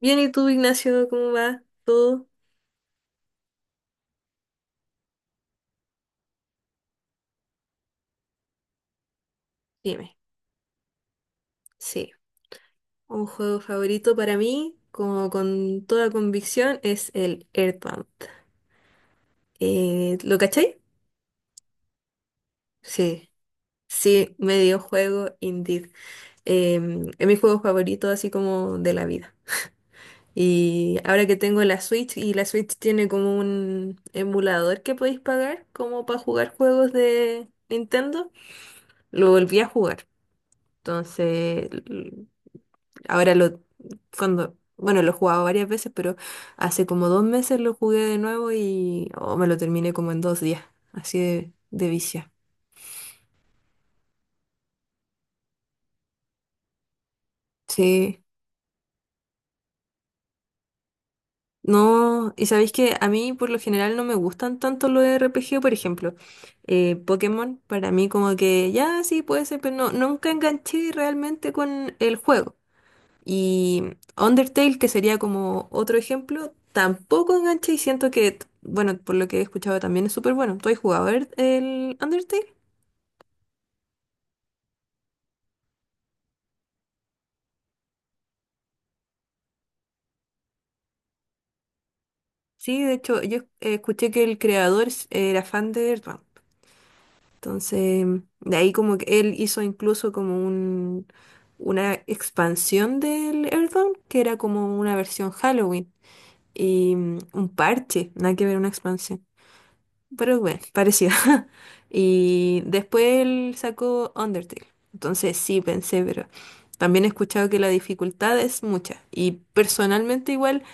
Bien, ¿y tú, Ignacio, cómo va todo? Dime. Sí, un juego favorito para mí, como con toda convicción, es el Earthbound. ¿Lo cachai? Sí, sí, medio juego, indeed. Es mi juego favorito, así como de la vida. Y ahora que tengo la Switch, y la Switch tiene como un emulador que podéis pagar, como para jugar juegos de Nintendo, lo volví a jugar. Entonces, Ahora lo, bueno, lo he jugado varias veces, pero hace como 2 meses lo jugué de nuevo y oh, me lo terminé como en 2 días, así de vicio. Sí. No, y sabéis que a mí por lo general no me gustan tanto los RPG, por ejemplo, Pokémon, para mí como que ya sí puede ser, pero no, nunca enganché realmente con el juego. Y Undertale, que sería como otro ejemplo, tampoco engancha y siento que, bueno, por lo que he escuchado también es súper bueno. ¿Tú has jugado el Undertale? Sí, de hecho, yo escuché que el era fan de Earthbound. Entonces, de ahí como que él hizo incluso como una expansión del Earthbound, que era como una versión Halloween y un parche, nada que ver una expansión, pero bueno, parecido. Y después él sacó Undertale. Entonces sí, pensé, pero también he escuchado que la dificultad es mucha. Y personalmente igual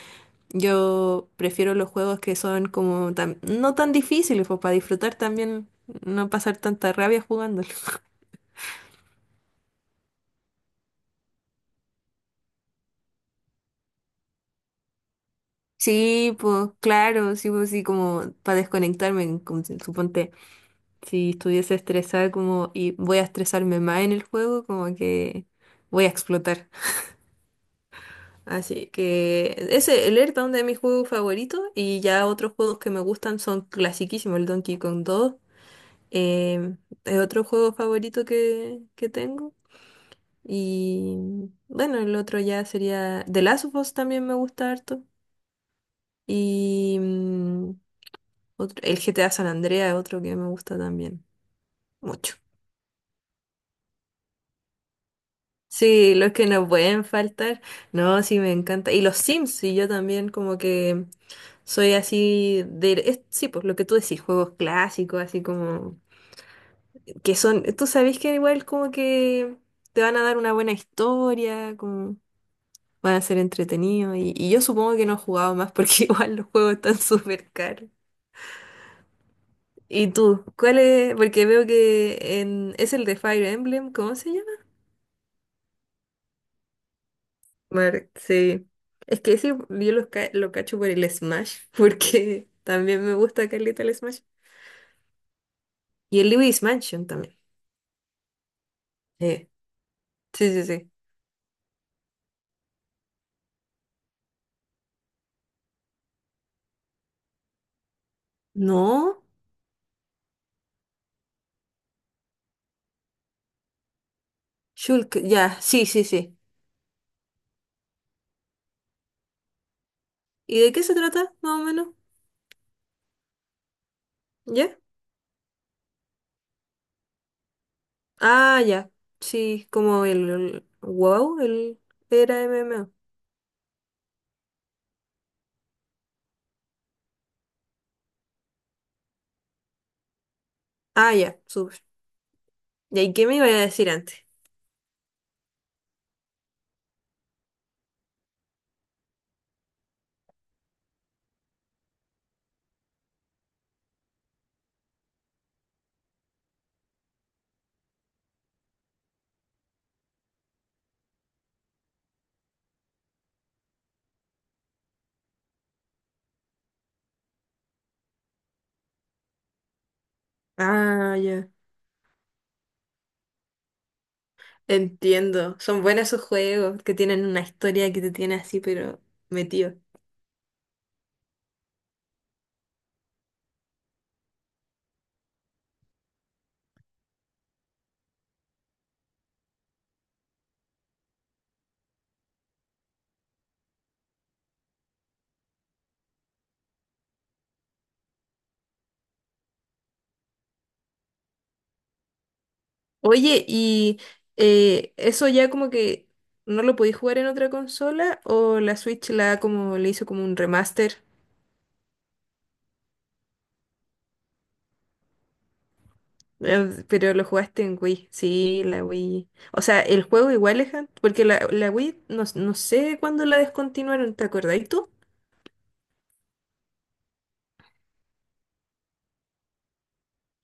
yo prefiero los juegos que son no tan difíciles, pues para disfrutar también, no pasar tanta rabia jugándolos. Sí, pues claro, sí, pues sí, como para desconectarme, como si- suponte, si estuviese estresada como y voy a estresarme más en el juego, como que voy a explotar. Así que ese, el Earthbound es de mis juegos favoritos y ya otros juegos que me gustan son clasiquísimos, el Donkey Kong 2, em, es otro juego favorito que tengo y bueno, el otro ya sería The Last of Us, también me gusta harto y el GTA San Andreas es otro que me gusta también mucho. Sí, los que nos pueden faltar, no, sí me encanta. Y los Sims, sí, yo también como que... Soy así sí, pues lo que tú decís, juegos clásicos, así como... Que son... Tú sabés que igual como que te van a dar una buena historia, como van a ser entretenidos. Y yo supongo que no he jugado más porque igual los juegos están súper caros. ¿Y tú? ¿Cuál es? Porque veo que en... es el de Fire Emblem, ¿cómo se llama? Sí. Es que ese yo lo cacho por el Smash, porque también me gusta Carlita el Smash. Y el Luigi's Mansion también. Eh, Sí, sí, sí. No, Shulk, ya, sí, sí, sí. ¿Y de qué se trata, más o menos? ¿Ya? Ah, ya. Sí, como wow, el era MMO. Ah, ya, súper. ¿Y ahí qué me iba a decir antes? Ah, ya. Entiendo. Son buenos esos juegos que tienen una historia que te tiene así, pero metido. Oye, ¿y eso ya como que no lo podéis jugar en otra consola? ¿O la Switch la como le hizo como un remaster? Pero lo jugaste en Wii, sí, la Wii. O sea, el juego igual porque la Wii no, no sé cuándo la descontinuaron, ¿te acordáis tú?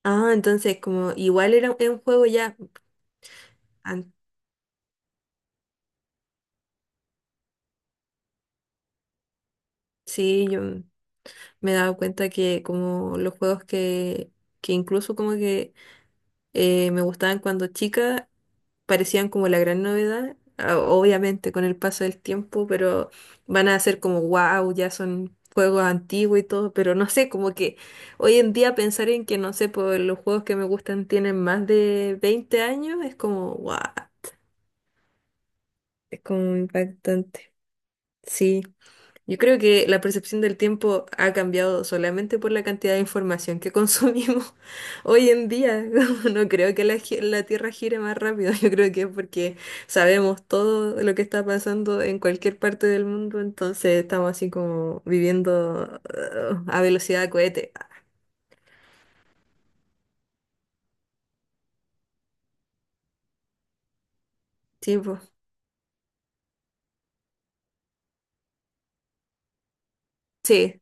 Ah, entonces como igual era un juego ya. an- Sí, yo me he dado cuenta que como los juegos que incluso como que me gustaban cuando chica, parecían como la gran novedad, obviamente con el paso del tiempo, pero van a ser como wow, ya son juegos antiguos y todo, pero no sé, como que hoy en día pensar en que, no sé, pues los juegos que me gustan tienen más de 20 años es como wow, es como impactante. Sí. Yo creo que la percepción del tiempo ha cambiado solamente por la cantidad de información que consumimos hoy en día. No creo que la Tierra gire más rápido. Yo creo que es porque sabemos todo lo que está pasando en cualquier parte del mundo. Entonces estamos así como viviendo a velocidad de cohete. Sí, po. Sí,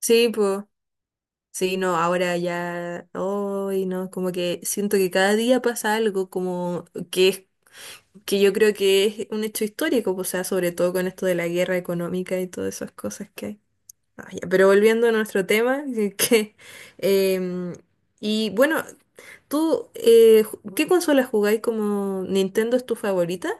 sí, pues. Sí, no, ahora ya, hoy no, como que siento que cada día pasa algo como que es que yo creo que es un hecho histórico, pues, o sea, sobre todo con esto de la guerra económica y todas esas cosas que hay. Ah, ya, pero volviendo a nuestro tema, em, y bueno, tú, ¿qué consola jugáis como Nintendo es tu favorita?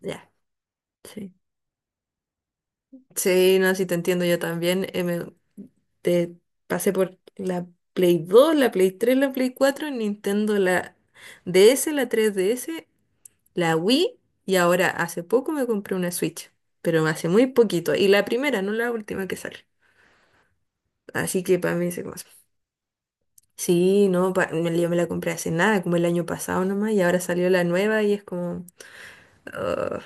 Ya, sí. Sí, no, si te entiendo yo también. Te pasé por la Play 2, la Play 3, la Play 4, Nintendo, la DS, la 3DS, la Wii y ahora hace poco me compré una Switch, pero hace muy poquito. Y la primera, no la última que sale. Así que para mí se como... Sí, no, yo me la compré hace nada, como el año pasado nomás, y ahora salió la nueva y es como... "Ugh,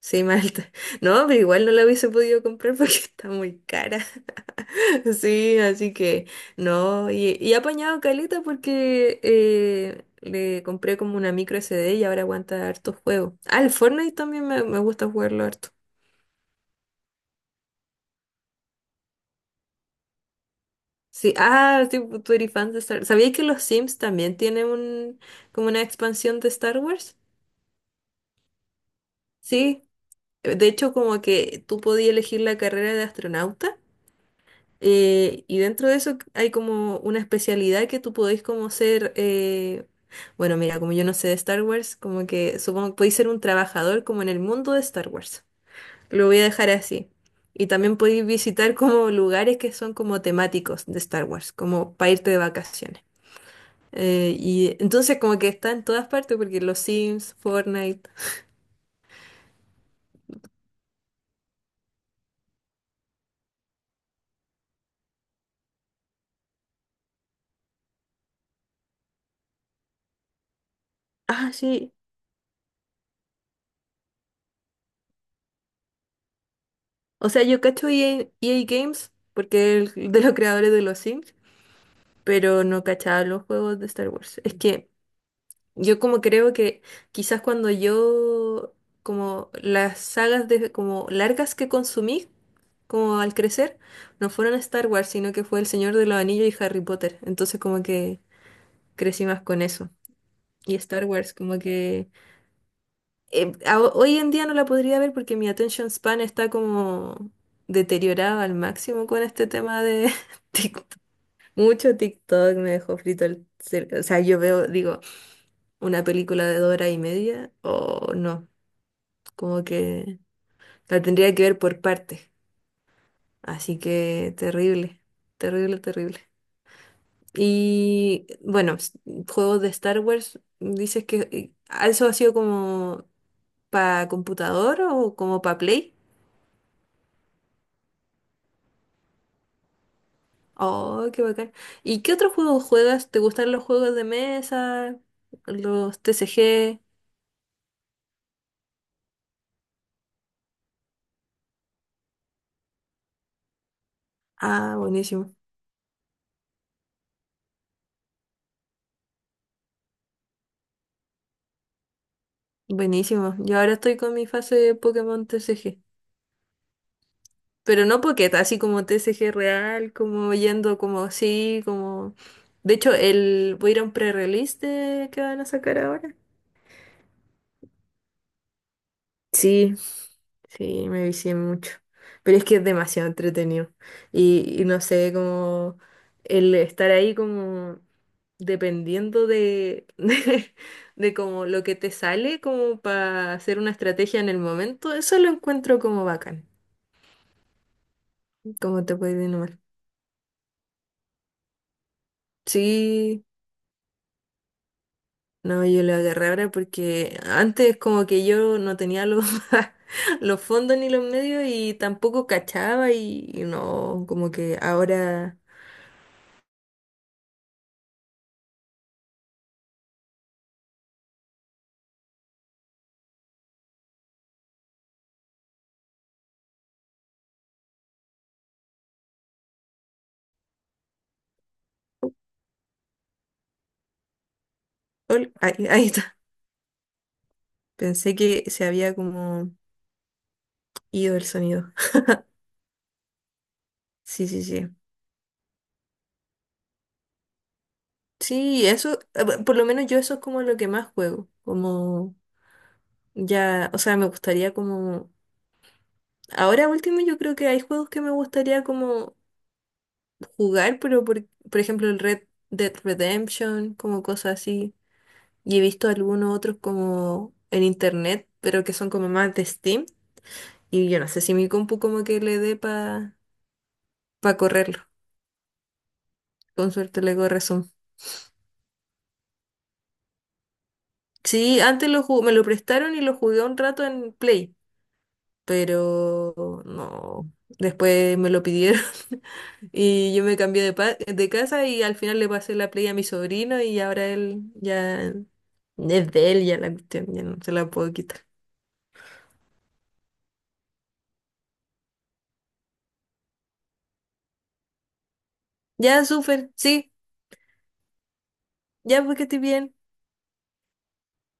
sí, malta. No, pero igual no la hubiese podido comprar porque está muy cara. Sí, así que no, y he apañado caleta porque le compré como una micro SD y ahora aguanta harto juego. Ah, el Fortnite también me gusta jugarlo harto. Sí, ah, tipo, tú eres fan de Star Wars. ¿Sabías que los Sims también tienen como una expansión de Star Wars? Sí, de hecho como que tú podías elegir la carrera de astronauta y dentro de eso hay como una especialidad que tú podéis como ser, bueno, mira, como yo no sé de Star Wars, como que supongo que podéis ser un trabajador como en el mundo de Star Wars. Lo voy a dejar así. Y también podéis visitar como lugares que son como temáticos de Star Wars, como para irte de vacaciones. Y entonces como que está en todas partes, porque los Sims, Fortnite. Ah, sí. O sea, yo cacho EA, EA Games, porque de los creadores de los Sims, pero no cachaba los juegos de Star Wars. Es que yo como creo que quizás cuando yo, como las sagas como largas que consumí, como al crecer, no fueron Star Wars, sino que fue El Señor de los Anillos y Harry Potter. Entonces como que crecí más con eso. Y Star Wars, como que... hoy en día no la podría ver porque mi attention span está como deteriorada al máximo con este tema de TikTok. Mucho TikTok me dejó frito el cerebro. O sea, yo veo, digo, una película de 2 horas y media o no, como que la tendría que ver por partes. Así que terrible, terrible, terrible. Y bueno, juegos de Star Wars, dices que eso ha sido como para computador o como para Play. Oh, qué bacán. ¿Y qué otros juegos juegas? ¿Te gustan los juegos de mesa? ¿Los TCG? Ah, buenísimo. Buenísimo. Yo ahora estoy con mi fase de Pokémon TCG. Pero no Pocket, así como TCG real, como yendo como así, como... De hecho, el... voy a ir a un pre-release de... que van a sacar ahora. Sí, sí, me vicié mucho. Pero es que es demasiado entretenido. Y no sé, como el estar ahí como dependiendo de, de, como lo que te sale, como para hacer una estrategia en el momento, eso lo encuentro como bacán, como te puede ir nomás. Sí, no, yo lo agarré ahora porque antes como que yo no tenía los, los fondos ni los medios y tampoco cachaba y no, como que ahora... ahí, ahí está. Pensé que se había como ido el sonido. Sí, sí, sí. Sí, eso, por lo menos yo eso es como lo que más juego. Como ya, o sea, me gustaría como... Ahora último yo creo que hay juegos que me gustaría como jugar, pero por ejemplo el Red Dead Redemption, como cosas así. Y he visto algunos otros como en internet, pero que son como más de Steam. Y yo no sé si mi compu como que le dé para correrlo. Con suerte le corre. Sí, antes me lo prestaron y lo jugué un rato en Play, pero no, después me lo pidieron y yo me cambié de casa y al final le pasé la Play a mi sobrino y ahora él ya es de él, ya la cuestión, ya no se la puedo quitar. Ya, súper, sí, ya porque estoy bien.